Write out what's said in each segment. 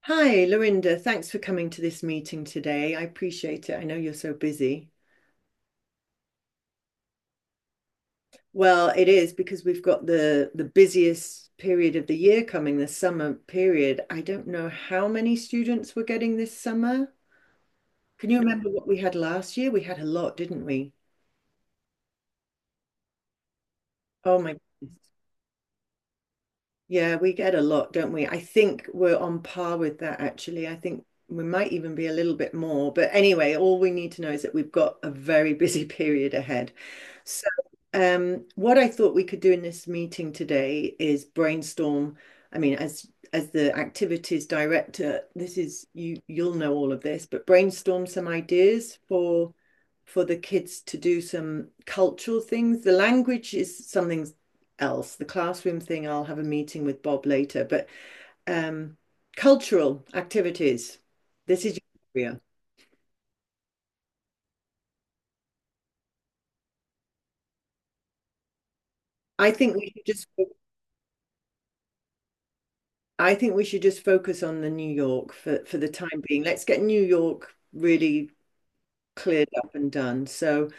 Hi, Lorinda. Thanks for coming to this meeting today. I appreciate it. I know you're so busy. Well, it is because we've got the busiest period of the year coming, the summer period. I don't know how many students we're getting this summer. Can you remember what we had last year? We had a lot, didn't we? Oh my goodness. Yeah, we get a lot, don't we? I think we're on par with that actually. I think we might even be a little bit more. But anyway, all we need to know is that we've got a very busy period ahead. So, what I thought we could do in this meeting today is brainstorm. I mean, as the activities director, this is you'll know all of this, but brainstorm some ideas for the kids to do some cultural things. The language is something else. The classroom thing, I'll have a meeting with Bob later, but um, cultural activities. This is your area. I think we should just I think we should just focus on the New York for the time being. Let's get New York really cleared up and done. So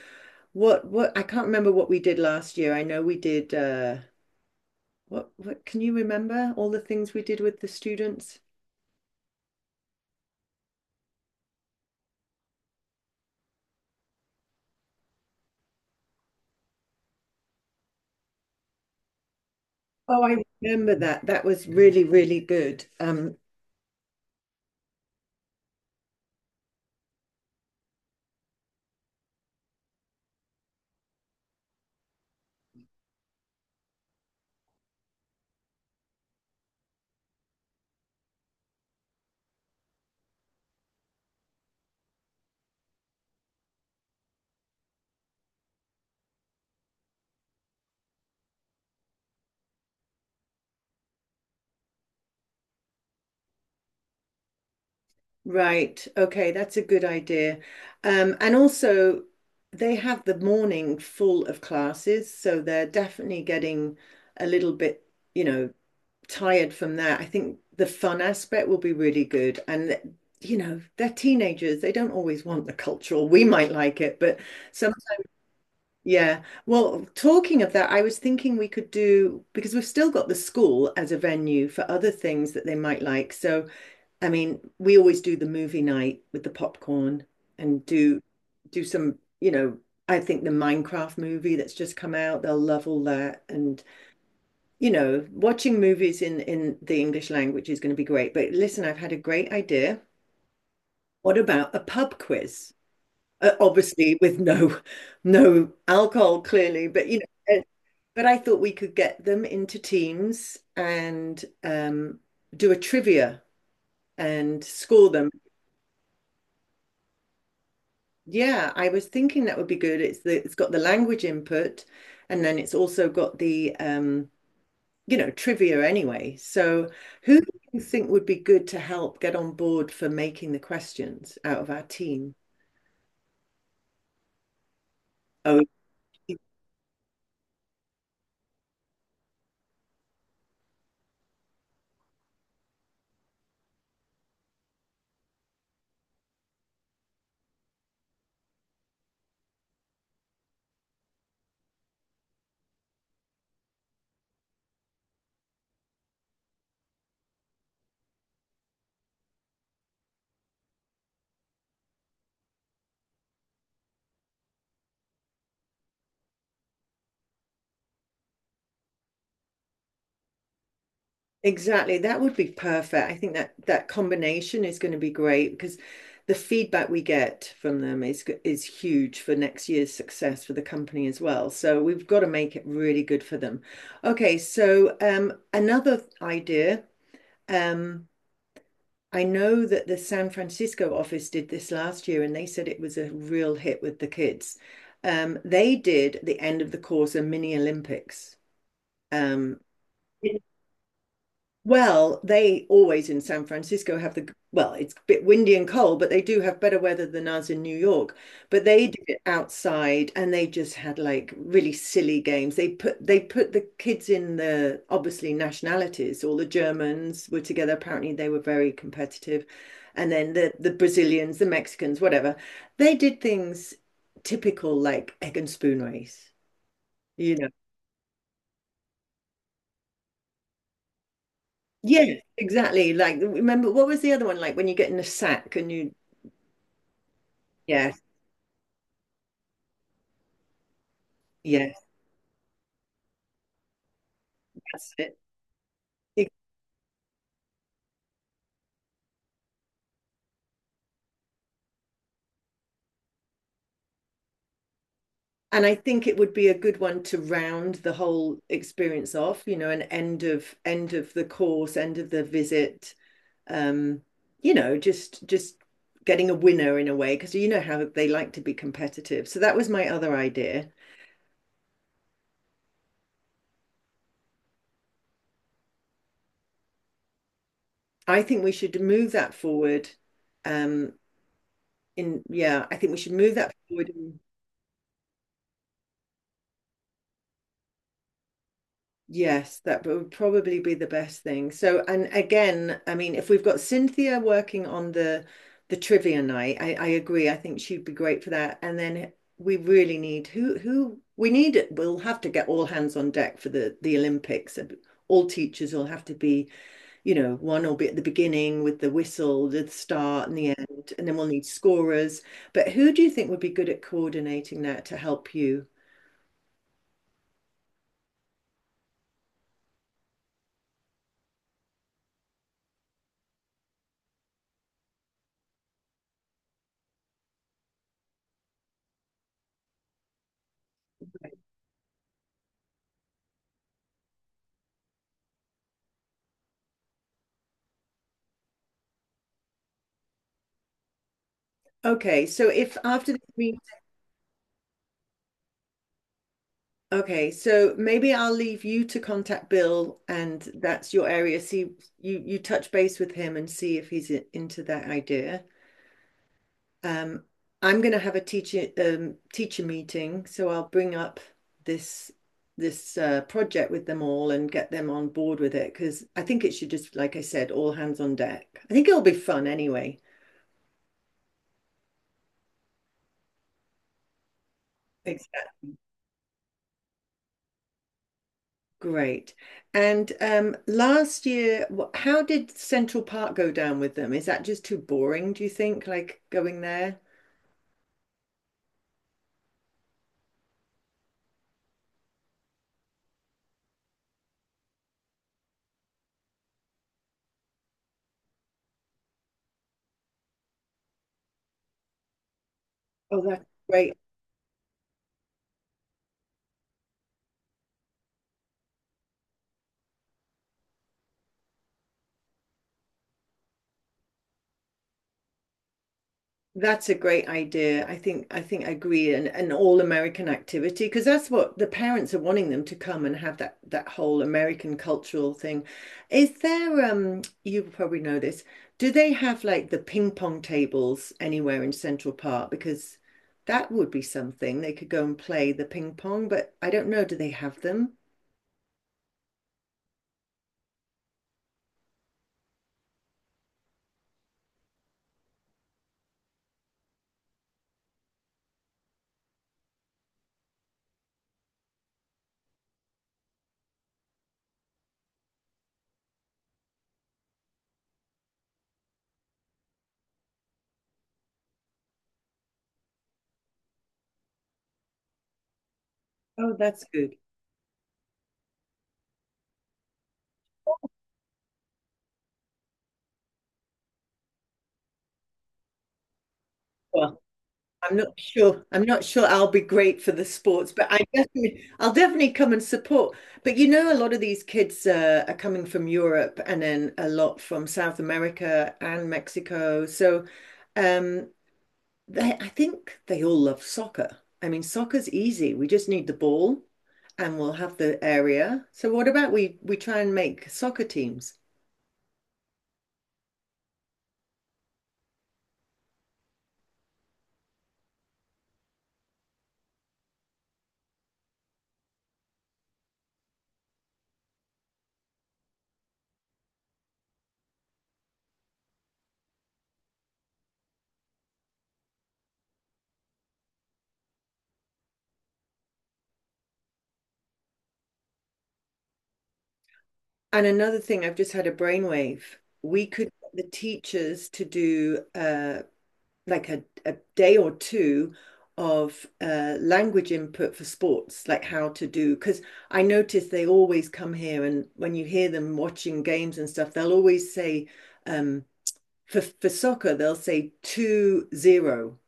what I can't remember what we did last year. I know we did what can you remember all the things we did with the students? Oh, I remember that. That was really, really good. Right. Okay, that's a good idea. And also, they have the morning full of classes, so they're definitely getting a little bit, you know, tired from that. I think the fun aspect will be really good. You know, they're teenagers. They don't always want the cultural. We might like it, but some, yeah. Well, talking of that, I was thinking we could do, because we've still got the school as a venue for other things that they might like. So, I mean, we always do the movie night with the popcorn and do some, you know, I think the Minecraft movie that's just come out, they'll love all that. And, you know, watching movies in the English language is going to be great. But listen, I've had a great idea. What about a pub quiz? Obviously with no no alcohol clearly, but you know, but I thought we could get them into teams and do a trivia and score them. Yeah, I was thinking that would be good. It's the it's got the language input and then it's also got the you know, trivia anyway. So who do you think would be good to help get on board for making the questions out of our team? Oh, exactly. That would be perfect. I think that that combination is going to be great because the feedback we get from them is huge for next year's success for the company as well. So we've got to make it really good for them. Okay, so another idea. Um, I know that the San Francisco office did this last year, and they said it was a real hit with the kids. They did at the end of the course a mini Olympics. Um, Well, they always in San Francisco have well, it's a bit windy and cold, but they do have better weather than us in New York. But they did it outside and they just had like really silly games. They put the kids in the obviously nationalities. All the Germans were together. Apparently they were very competitive. And then the Brazilians, the Mexicans, whatever. They did things typical like egg and spoon race, you know. Yeah, exactly. Like remember what was the other one like when you get in a sack and you yes, yes, that's it. It- And I think it would be a good one to round the whole experience off, you know, an end of the course, end of the visit. Um, you know, just getting a winner in a way, because you know how they like to be competitive. So that was my other idea. I think we should move that forward. Um, in yeah, I think we should move that forward. Yes, that would probably be the best thing. So, and again, I mean, if we've got Cynthia working on the trivia night, I agree. I think she'd be great for that. And then we really need who we need. It. We'll have to get all hands on deck for the Olympics. All teachers will have to be, you know, one will be at the beginning with the whistle, the start and the end, and then we'll need scorers. But who do you think would be good at coordinating that to help you? Okay, so if after this meet, okay, so maybe I'll leave you to contact Bill, and that's your area. See, you touch base with him and see if into that idea. Um, I'm going to have a teacher meeting, so I'll bring up this this project with them all and get them on board with it because I think it should just, like I said, all hands on deck. I think it'll be fun anyway. Great. And last year, how did Central Park go down with them? Is that just too boring, do you think? Like going there? Oh, that's great. That's a great idea. I think I agree an all-American activity because that's what the parents are wanting them to come and have that that whole American cultural thing. Is there you probably know this. Do they have like the ping pong tables anywhere in Central Park? Because that would be something. They could go and play the ping pong, but I don't know. Do they have them? Oh, that's good. Well, I'm not sure I'll be great for the sports, but I'll definitely come and support. But you know, a lot of these kids are coming from Europe and then a lot from South America and Mexico. So um, I think they all love soccer. I mean, soccer's easy. We just need the ball and we'll have the area. So what about we try and make soccer teams? And another thing, I've just had a brainwave. We could get the teachers to do like a day or two of language input for sports, like how to do. Because I notice they always come here, and when you hear them watching games and stuff, they'll always say, um, for soccer, they'll say 2-0,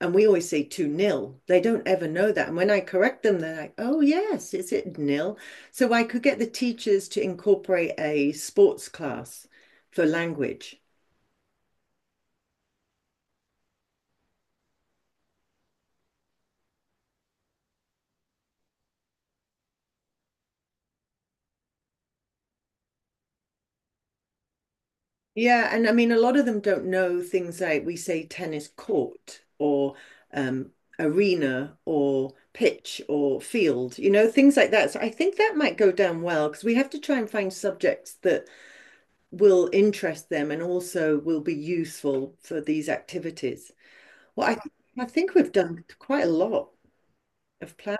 and we always say two nil. They don't ever know that. And when I correct them, they're like, oh, yes, is it nil? So I could get the teachers to incorporate a sports class for language. Yeah, and I mean, a lot of them don't know things like we say tennis court or um, arena or pitch or field, you know, things like that. So I think that might go down well because we have to try and find subjects that will interest them and also will be useful for these activities. Well, I think we've done quite a lot of plan.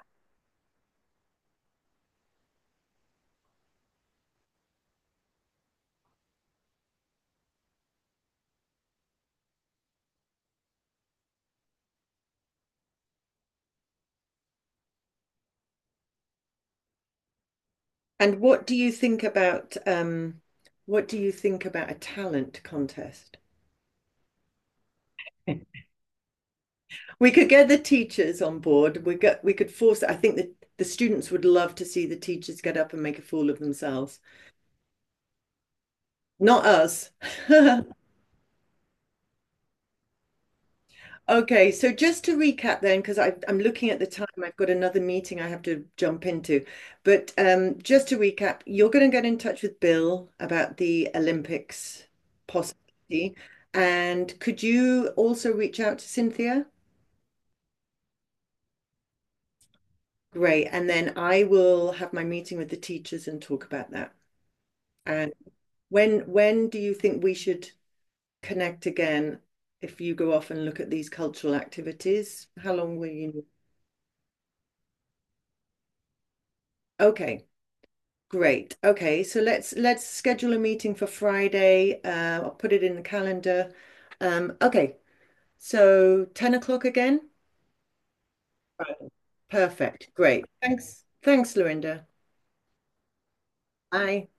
And what do you think about a talent contest? We could get the teachers on board. We could force it. I think that the students would love to see the teachers get up and make a fool of themselves. Not us. Okay, so just to recap then, because I'm looking at the time, I've got another meeting I have to jump into. But just to recap, you're going to get in touch with Bill about the Olympics possibility. And could you also reach out to Cynthia? Great. And then I will have my meeting with the teachers and talk about that. And when do you think we should connect again? If you go off and look at these cultural activities, how long will you need? Okay, great. Okay, so let's schedule a meeting for Friday. I'll put it in the calendar. Um, okay, 10 o'clock again. Right. Perfect. Great. Thanks. Thanks, Lorinda. Bye.